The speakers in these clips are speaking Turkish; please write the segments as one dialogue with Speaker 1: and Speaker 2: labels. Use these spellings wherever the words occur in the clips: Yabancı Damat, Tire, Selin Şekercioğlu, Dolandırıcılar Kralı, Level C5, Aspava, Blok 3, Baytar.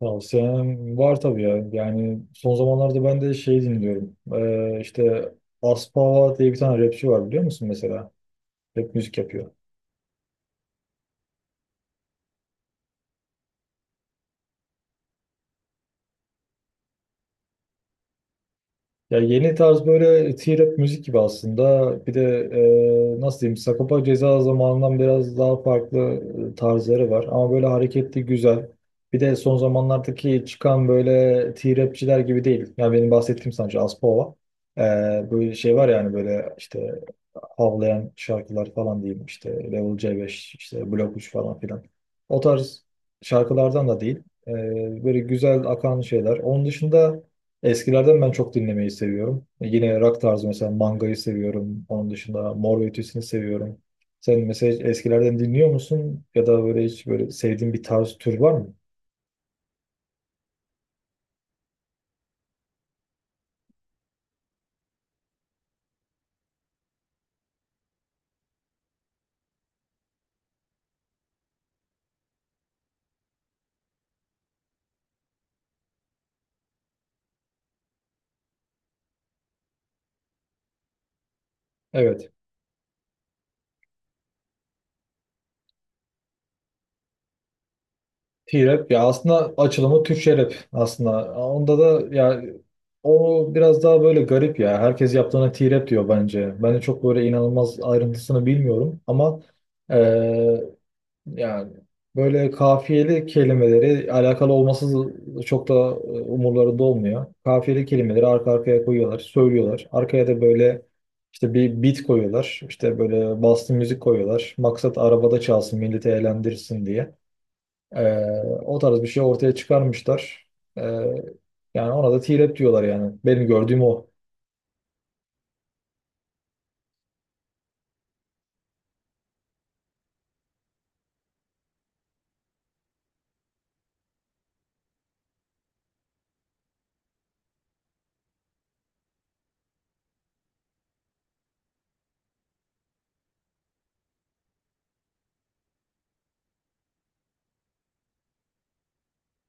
Speaker 1: Tavsiyem var tabii ya. Yani son zamanlarda ben de şey dinliyorum. İşte Aspava diye bir tane rapçi var biliyor musun mesela? Rap müzik yapıyor. Ya yeni tarz böyle T-rap müzik gibi aslında. Bir de nasıl diyeyim Sagopa Ceza zamanından biraz daha farklı tarzları var. Ama böyle hareketli güzel. Bir de son zamanlardaki çıkan böyle T-rapçiler gibi değil. Yani benim bahsettiğim sanatçı Aspava. Ee, böyle şey var yani böyle işte havlayan şarkılar falan diyeyim işte Level C5 işte Blok 3 falan filan. O tarz şarkılardan da değil. Böyle güzel akan şeyler. Onun dışında eskilerden ben çok dinlemeyi seviyorum. Yine rock tarzı mesela Manga'yı seviyorum. Onun dışında Mor ve Ötesi'ni seviyorum. Sen mesela hiç eskilerden dinliyor musun? Ya da böyle hiç böyle sevdiğin bir tarz tür var mı? Evet. T-Rap ya aslında açılımı Türkçe rap aslında. Onda da ya o biraz daha böyle garip ya. Herkes yaptığına T-Rap diyor bence. Ben de çok böyle inanılmaz ayrıntısını bilmiyorum ama yani böyle kafiyeli kelimeleri alakalı olması çok da umurlarında olmuyor. Kafiyeli kelimeleri arka arkaya koyuyorlar, söylüyorlar. Arkaya da böyle işte bir beat koyuyorlar. İşte böyle bastı müzik koyuyorlar. Maksat arabada çalsın, milleti eğlendirsin diye. Ee, o tarz bir şey ortaya çıkarmışlar. Ee, yani ona da t diyorlar yani. Benim gördüğüm o.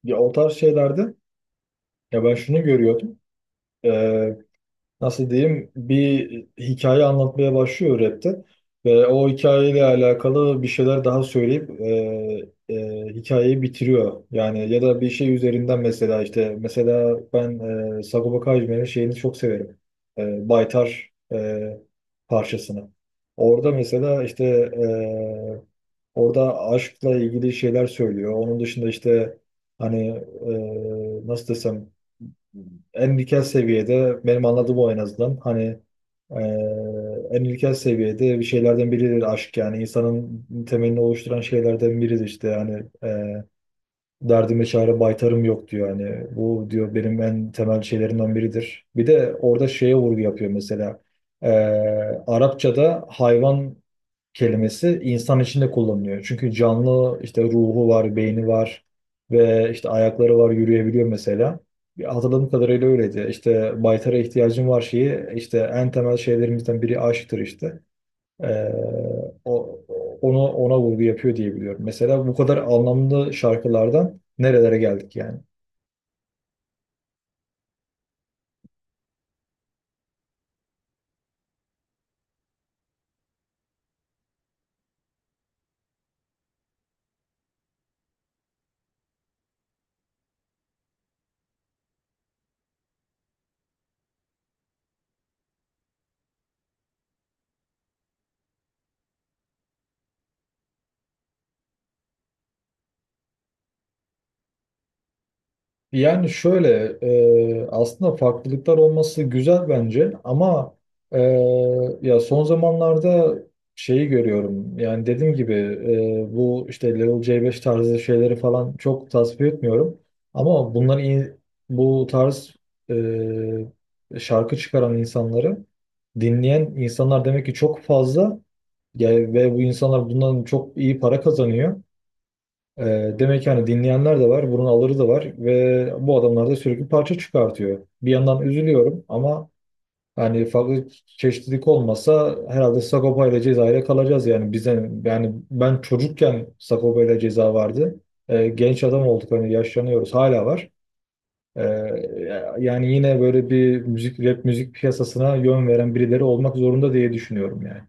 Speaker 1: Ya o tarz şeylerde ya ben şunu görüyordum. E, nasıl diyeyim bir hikaye anlatmaya başlıyor rapte ve o hikayeyle alakalı bir şeyler daha söyleyip hikayeyi bitiriyor. Yani ya da bir şey üzerinden mesela işte mesela ben Sagopa Kajmer'in şeyini çok severim. Baytar parçasını. Orada mesela işte orada aşkla ilgili şeyler söylüyor. Onun dışında işte hani nasıl desem en ilkel seviyede benim anladığım o en azından hani en ilkel seviyede bir şeylerden biridir aşk yani insanın temelini oluşturan şeylerden biridir işte yani derdime çare baytarım yok diyor hani bu diyor benim en temel şeylerimden biridir. Bir de orada şeye vurgu yapıyor mesela. Ee, Arapçada hayvan kelimesi insan içinde kullanılıyor. Çünkü canlı işte ruhu var, beyni var ve işte ayakları var, yürüyebiliyor mesela. Hatırladığım kadarıyla öyleydi. İşte baytara ihtiyacım var şeyi işte en temel şeylerimizden biri aşktır işte. Ee, o, onu ona vurgu yapıyor diye biliyorum. Mesela bu kadar anlamlı şarkılardan nerelere geldik yani? Yani şöyle, aslında farklılıklar olması güzel bence ama e, ya son zamanlarda şeyi görüyorum yani dediğim gibi bu işte Level C5 tarzı şeyleri falan çok tasvip etmiyorum ama bunların bu tarz şarkı çıkaran insanları dinleyen insanlar demek ki çok fazla yani ve bu insanlar bundan çok iyi para kazanıyor. E, demek ki hani dinleyenler de var, bunun alırı da var ve bu adamlar da sürekli parça çıkartıyor. Bir yandan üzülüyorum ama hani farklı çeşitlilik olmasa herhalde Sagopa ile Ceza'yla kalacağız yani bize yani ben çocukken Sagopa ile Ceza vardı. Genç adam olduk hani yaşlanıyoruz hala var. E, yani yine böyle bir müzik rap müzik piyasasına yön veren birileri olmak zorunda diye düşünüyorum yani.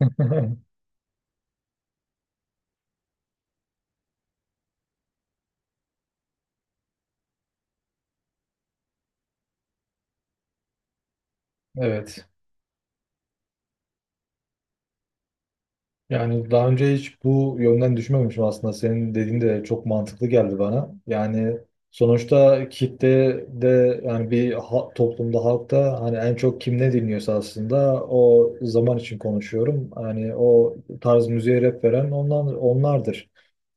Speaker 1: Evet. Yani daha önce hiç bu yönden düşünmemişim aslında. Senin dediğin de çok mantıklı geldi bana. Yani sonuçta kitle de yani bir toplumda halkta hani en çok kim ne dinliyorsa aslında o zaman için konuşuyorum. Hani o tarz müziğe rap veren onlar, onlardır.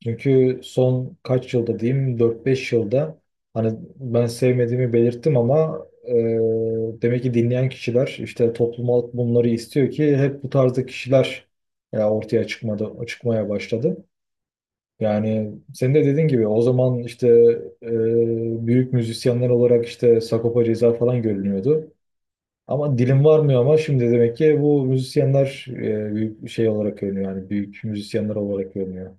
Speaker 1: Çünkü son kaç yılda diyeyim dört beş yılda hani ben sevmediğimi belirttim ama demek ki dinleyen kişiler işte toplum bunları istiyor ki hep bu tarzda kişiler ya ortaya çıkmadı, çıkmaya başladı. Yani senin de dediğin gibi o zaman işte e, büyük müzisyenler olarak işte Sagopa Ceza falan görünüyordu. Ama dilim varmıyor ama şimdi demek ki bu müzisyenler büyük şey olarak görünüyor. Yani büyük müzisyenler olarak görünüyor.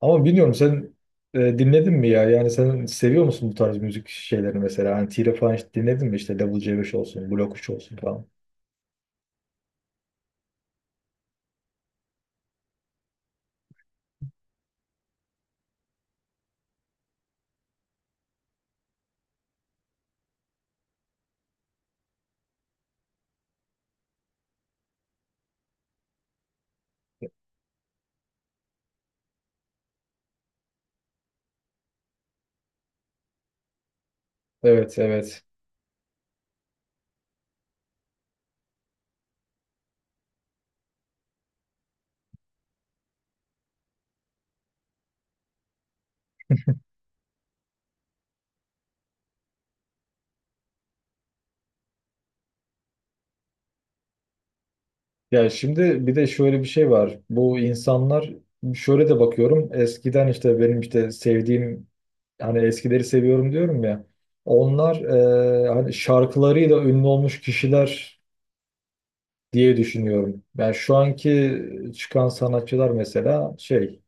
Speaker 1: Ama bilmiyorum sen dinledin mi ya? Yani sen seviyor musun bu tarz müzik şeylerini mesela? Hani Tire falan hiç dinledin mi? İşte Level C5 olsun, Blok 3 olsun falan. Evet, evet. Ya şimdi bir de şöyle bir şey var. Bu insanlar şöyle de bakıyorum. Eskiden işte benim işte sevdiğim hani eskileri seviyorum diyorum ya. Onlar hani şarkılarıyla ünlü olmuş kişiler diye düşünüyorum. Ben şu anki çıkan sanatçılar mesela şey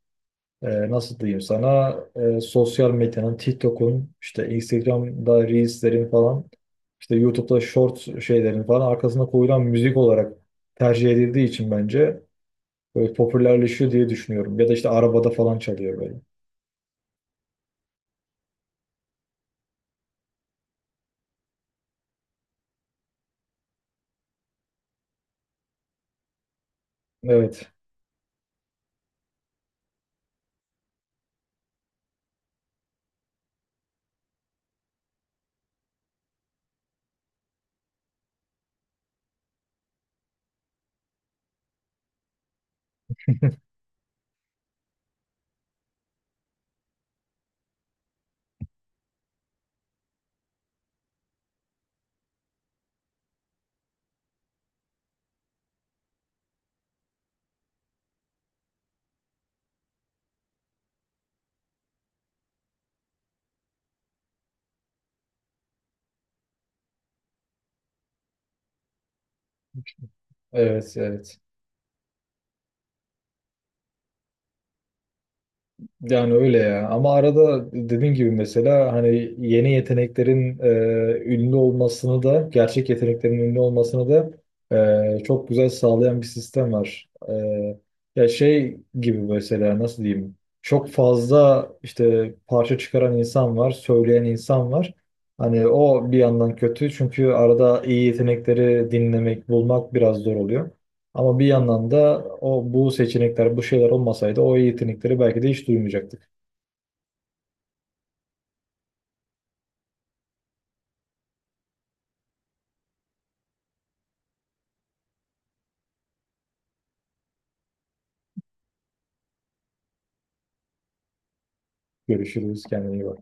Speaker 1: nasıl diyeyim sana sosyal medyanın TikTok'un işte Instagram'da Reels'lerin falan işte YouTube'da short şeylerin falan arkasına koyulan müzik olarak tercih edildiği için bence böyle popülerleşiyor diye düşünüyorum. Ya da işte arabada falan çalıyor böyle. Evet, evet, evet. Yani öyle ya. Ama arada dediğim gibi mesela hani yeni yeteneklerin ünlü olmasını da gerçek yeteneklerin ünlü olmasını da çok güzel sağlayan bir sistem var. Ya şey gibi mesela nasıl diyeyim? Çok fazla işte parça çıkaran insan var, söyleyen insan var. Hani o bir yandan kötü çünkü arada iyi yetenekleri dinlemek, bulmak biraz zor oluyor. Ama bir yandan da o bu seçenekler, bu şeyler olmasaydı o yetenekleri belki de hiç duymayacaktık. Görüşürüz, kendine iyi bak.